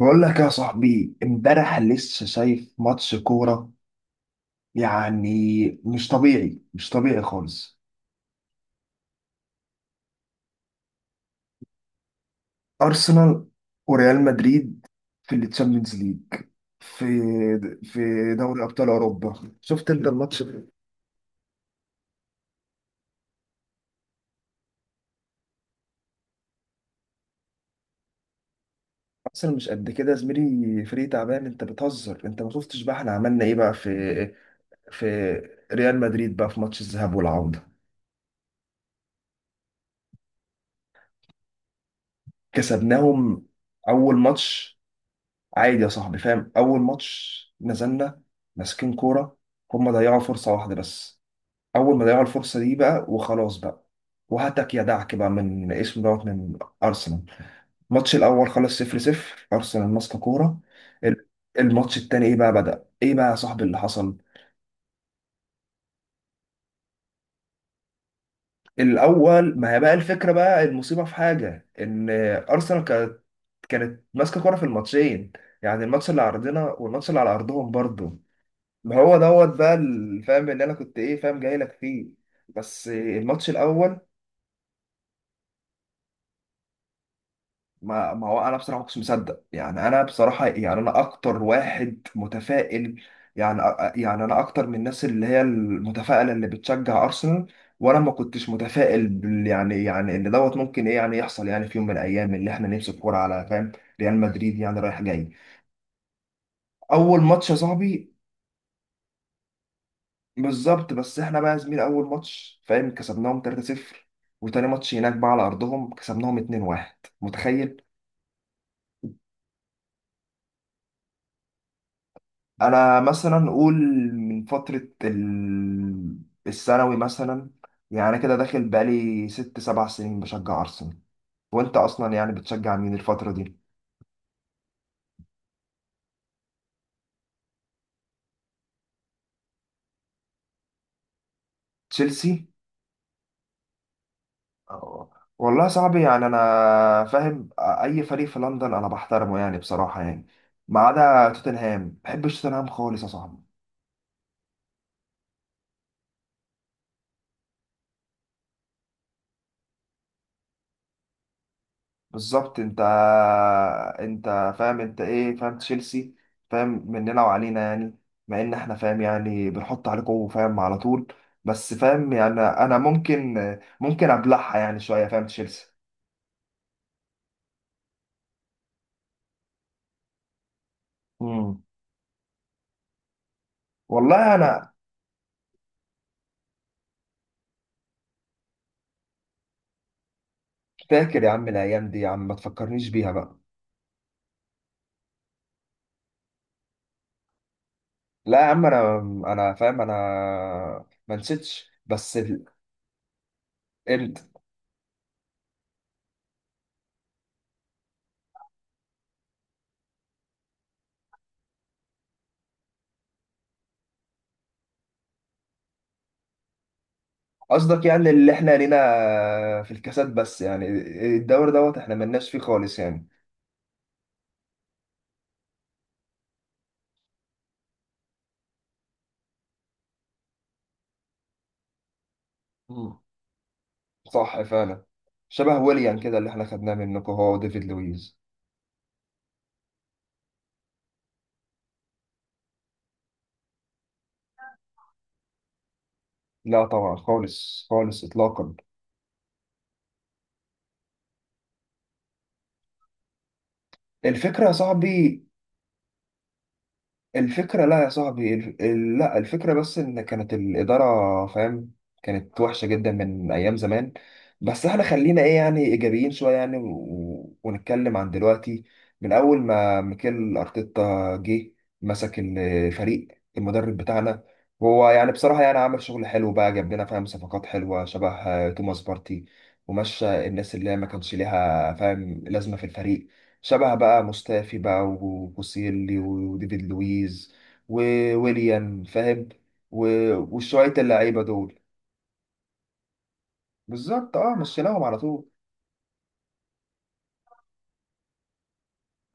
بقول لك يا صاحبي، امبارح لسه شايف ماتش كورة، يعني مش طبيعي، مش طبيعي خالص. أرسنال وريال مدريد في التشامبيونز ليج، في في دوري أبطال أوروبا، شفت أنت الماتش ده؟ أرسنال مش قد كده يا زميلي، فريق تعبان؟ أنت بتهزر. أنت ما شفتش بقى إحنا عملنا إيه بقى في في ريال مدريد بقى في ماتش الذهاب والعودة؟ كسبناهم أول ماتش عادي يا صاحبي، فاهم؟ اول ماتش نزلنا ماسكين كوره، هم ضيعوا فرصه واحده بس، اول ما ضيعوا الفرصه دي بقى وخلاص بقى، وهتك يا دعك بقى من اسمه دوت من ارسنال. الماتش الاول خلص 0 0، ارسنال ماسكه كوره. ال- الماتش التاني ايه بقى، بدأ ايه بقى يا صاحبي اللي حصل؟ الاول ما هي بقى الفكره بقى، المصيبه في حاجه، ان ارسنال كانت ماسكه كوره في الماتشين، يعني الماتش اللي على ارضنا والماتش اللي على ارضهم برضه. ما هو بقى الفهم اللي انا كنت ايه، فاهم، جاي لك فيه. بس الماتش الاول، ما هو انا بصراحه ما كنتش مصدق. يعني انا بصراحه يعني انا اكتر واحد متفائل، يعني انا اكتر من الناس اللي هي المتفائله اللي بتشجع ارسنال، وانا ما كنتش متفائل يعني ان ممكن ايه يعني يحصل، يعني في يوم من الايام اللي احنا نمسك كوره على، فاهم، ريال مدريد، يعني رايح جاي. اول ماتش يا صاحبي بالظبط، بس احنا بقى يا زميل اول ماتش، فاهم، كسبناهم 3-0، وتاني ماتش هناك بقى على ارضهم كسبناهم 2-1، متخيل؟ انا مثلا اقول من فترة الثانوي مثلا، يعني كده داخل بقالي ست سبع سنين بشجع ارسنال. وانت اصلا يعني بتشجع مين الفترة دي؟ تشيلسي؟ أه. والله صعب، يعني انا فاهم اي فريق في لندن انا بحترمه يعني بصراحة، يعني ما عدا توتنهام، ما بحبش توتنهام خالص يا صاحبي. بالظبط. انت فاهم، انت ايه، فاهم، تشيلسي فاهم مننا وعلينا يعني، مع ان احنا فاهم يعني بنحط عليكم فاهم على طول، بس فاهم يعني انا ممكن، ممكن ابلعها يعني شويه فاهم تشيلسي. امم والله انا فاكر يا عم الايام دي، يا عم ما تفكرنيش بيها بقى. لا يا عم انا، انا فاهم انا ما نسيتش، انت قصدك يعني اللي احنا لينا في الكاسات بس، يعني الدوري احنا ملناش فيه خالص يعني. مم. صح فعلا، شبه ويليان كده اللي احنا خدناه منكم هو وديفيد لويز. لا طبعا، خالص خالص، اطلاقا. الفكره يا صاحبي الفكرة لا يا صاحبي، لا الفكرة بس، إن كانت الإدارة، فاهم، كانت وحشة جدا من أيام زمان، بس إحنا خلينا إيه يعني، إيجابيين شوية يعني ونتكلم عن دلوقتي. من أول ما ميكيل أرتيتا جه مسك الفريق، المدرب بتاعنا، هو يعني بصراحة يعني عمل شغل حلو بقى، جاب لنا فاهم صفقات حلوة شبه توماس بارتي، ومشى الناس اللي هي ما كانش ليها فاهم لازمة في الفريق، شبه بقى مستافي بقى وبوسيلي وديفيد لويز وويليان فاهم، وشوية اللعيبة دول. بالظبط، اه، مشيناهم على طول.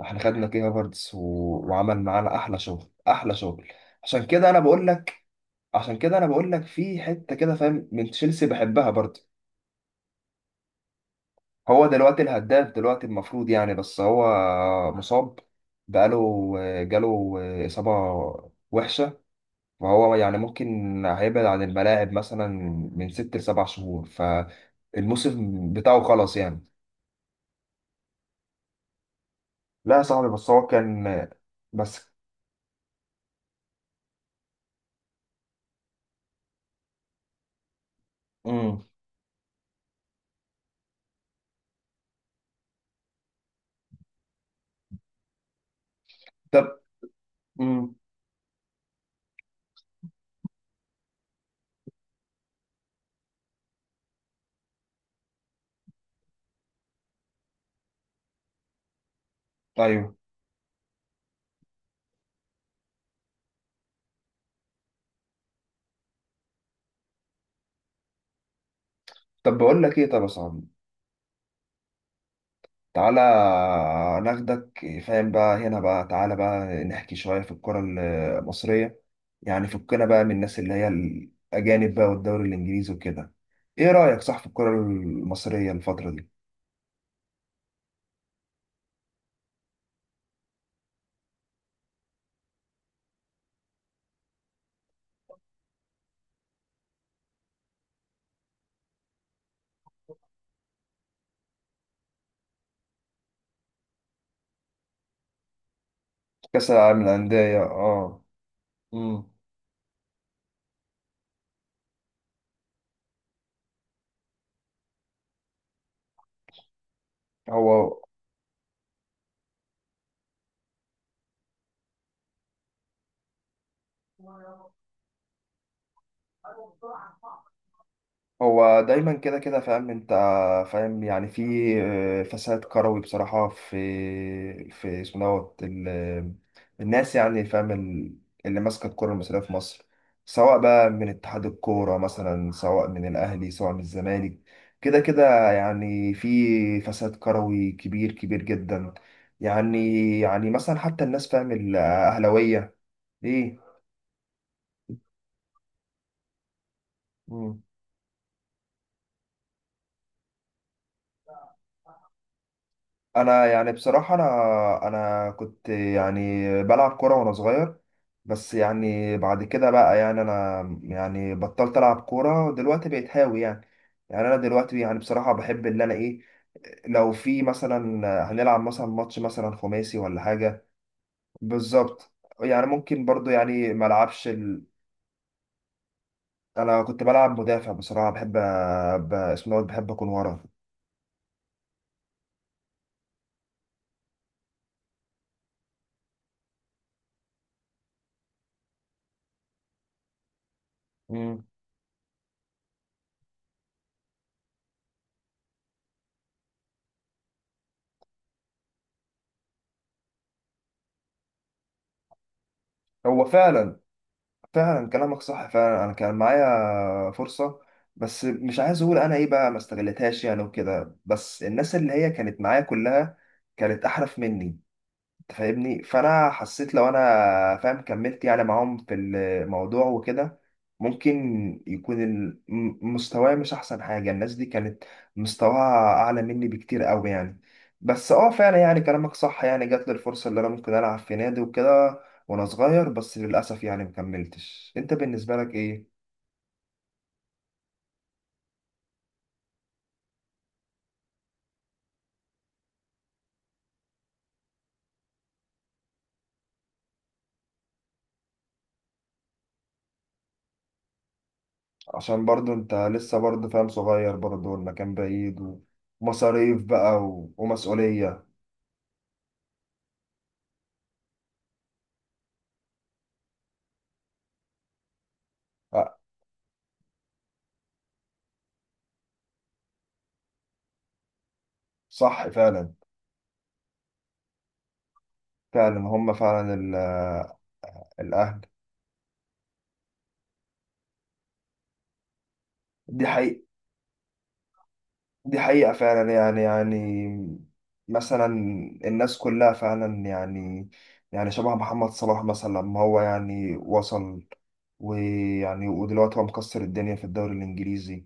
احنا خدنا كي هافرتس وعمل معانا احلى شغل، احلى شغل. عشان كده انا بقول لك، عشان كده انا بقول لك في حتة كده فاهم من تشيلسي بحبها برضه. هو دلوقتي الهداف دلوقتي المفروض يعني، بس هو مصاب، بقاله، جاله إصابة وحشة، وهو يعني ممكن هيبعد عن الملاعب مثلا من ست لسبع شهور، فالموسم بتاعه خلاص يعني. لا يا صاحبي بس هو كان، بس. امم طب امم ايوه. طب بقول لك ايه طب يا صاحبي، تعالى ناخدك، فاهم بقى، هنا بقى تعالى بقى نحكي شوية في الكرة المصرية، يعني فكنا بقى من الناس اللي هي الأجانب بقى والدوري الإنجليزي وكده. إيه رأيك صح في الكرة المصرية الفترة دي؟ كأس العالم للأندية، اه. امم هو هو دايما كده كده فاهم انت، فاهم يعني في فساد كروي بصراحة في في الناس يعني فاهم اللي ماسكة الكرة المصرية في مصر، سواء بقى من اتحاد الكورة مثلا، سواء من الأهلي، سواء من الزمالك. كده كده يعني في فساد كروي كبير، كبير جدا يعني، يعني مثلا حتى الناس فاهم الأهلاوية. ايه؟ مم. انا يعني بصراحه، انا كنت يعني بلعب كوره وانا صغير، بس يعني بعد كده بقى يعني انا يعني بطلت العب كوره ودلوقتي بقيت هاوي يعني. يعني انا دلوقتي يعني بصراحه بحب اللي انا ايه، لو في مثلا هنلعب مثلا ماتش مثلا خماسي ولا حاجه، بالظبط، يعني ممكن برضو يعني ما العبش انا كنت بلعب مدافع بصراحه، بحب أ- ب... اسمه دوت، بحب اكون ورا. مم. هو فعلا، فعلا كلامك صح فعلا. انا كان معايا فرصه، بس مش عايز اقول انا ايه بقى ما استغلتهاش يعني وكده، بس الناس اللي هي كانت معايا كلها كانت احرف مني، فاهمني، فانا حسيت لو انا، فاهم، كملت يعني معاهم في الموضوع وكده، ممكن يكون مستواي مش احسن حاجه. الناس دي كانت مستواها اعلى مني بكتير قوي يعني، بس اه فعلا يعني كلامك صح يعني، جات لي الفرصه اللي انا ممكن العب في نادي وكده وانا صغير، بس للاسف يعني مكملتش. انت بالنسبه لك ايه؟ عشان برضو انت لسه برضو فاهم صغير برضو، والمكان بعيد، ومصاريف بقى ومسؤوليه. آه، صح فعلا، فعلا هم فعلا الأهل. دي حقيقة، دي حقيقة فعلا يعني، يعني مثلا الناس كلها فعلا يعني، يعني شبه محمد صلاح مثلا لما هو يعني وصل، ويعني ودلوقتي هو مكسر الدنيا في الدوري الإنجليزي،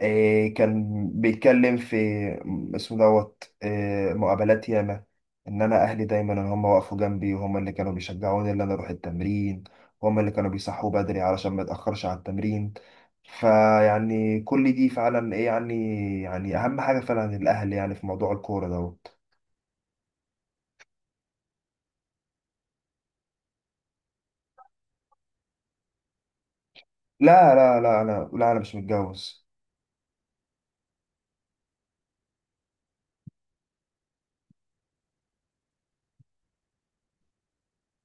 إيه كان بيتكلم في م- اسمه دوت إيه، مقابلات ياما، ان انا اهلي دايما ان هم وقفوا جنبي وهم اللي كانوا بيشجعوني ان انا اروح التمرين، وهم اللي كانوا بيصحوا بدري علشان ما اتاخرش على التمرين. فيعني كل دي فعلا ايه يعني، يعني اهم حاجه فعلا الاهل يعني في موضوع الكوره لا لا لا انا لا، انا مش متجوز.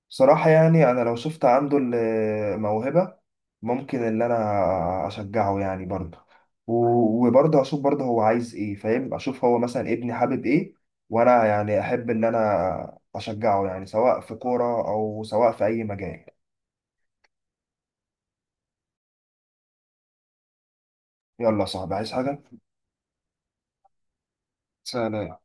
بصراحة يعني أنا لو شفت عنده الموهبة، ممكن إن أنا أشجعه يعني برضه، وبرضه أشوف برضه هو عايز إيه، فاهم، أشوف هو مثلا ابني حابب إيه، وأنا يعني أحب إن أنا أشجعه يعني سواء في كورة أو سواء في أي مجال. يلا يا صاحبي، عايز حاجة؟ سلام.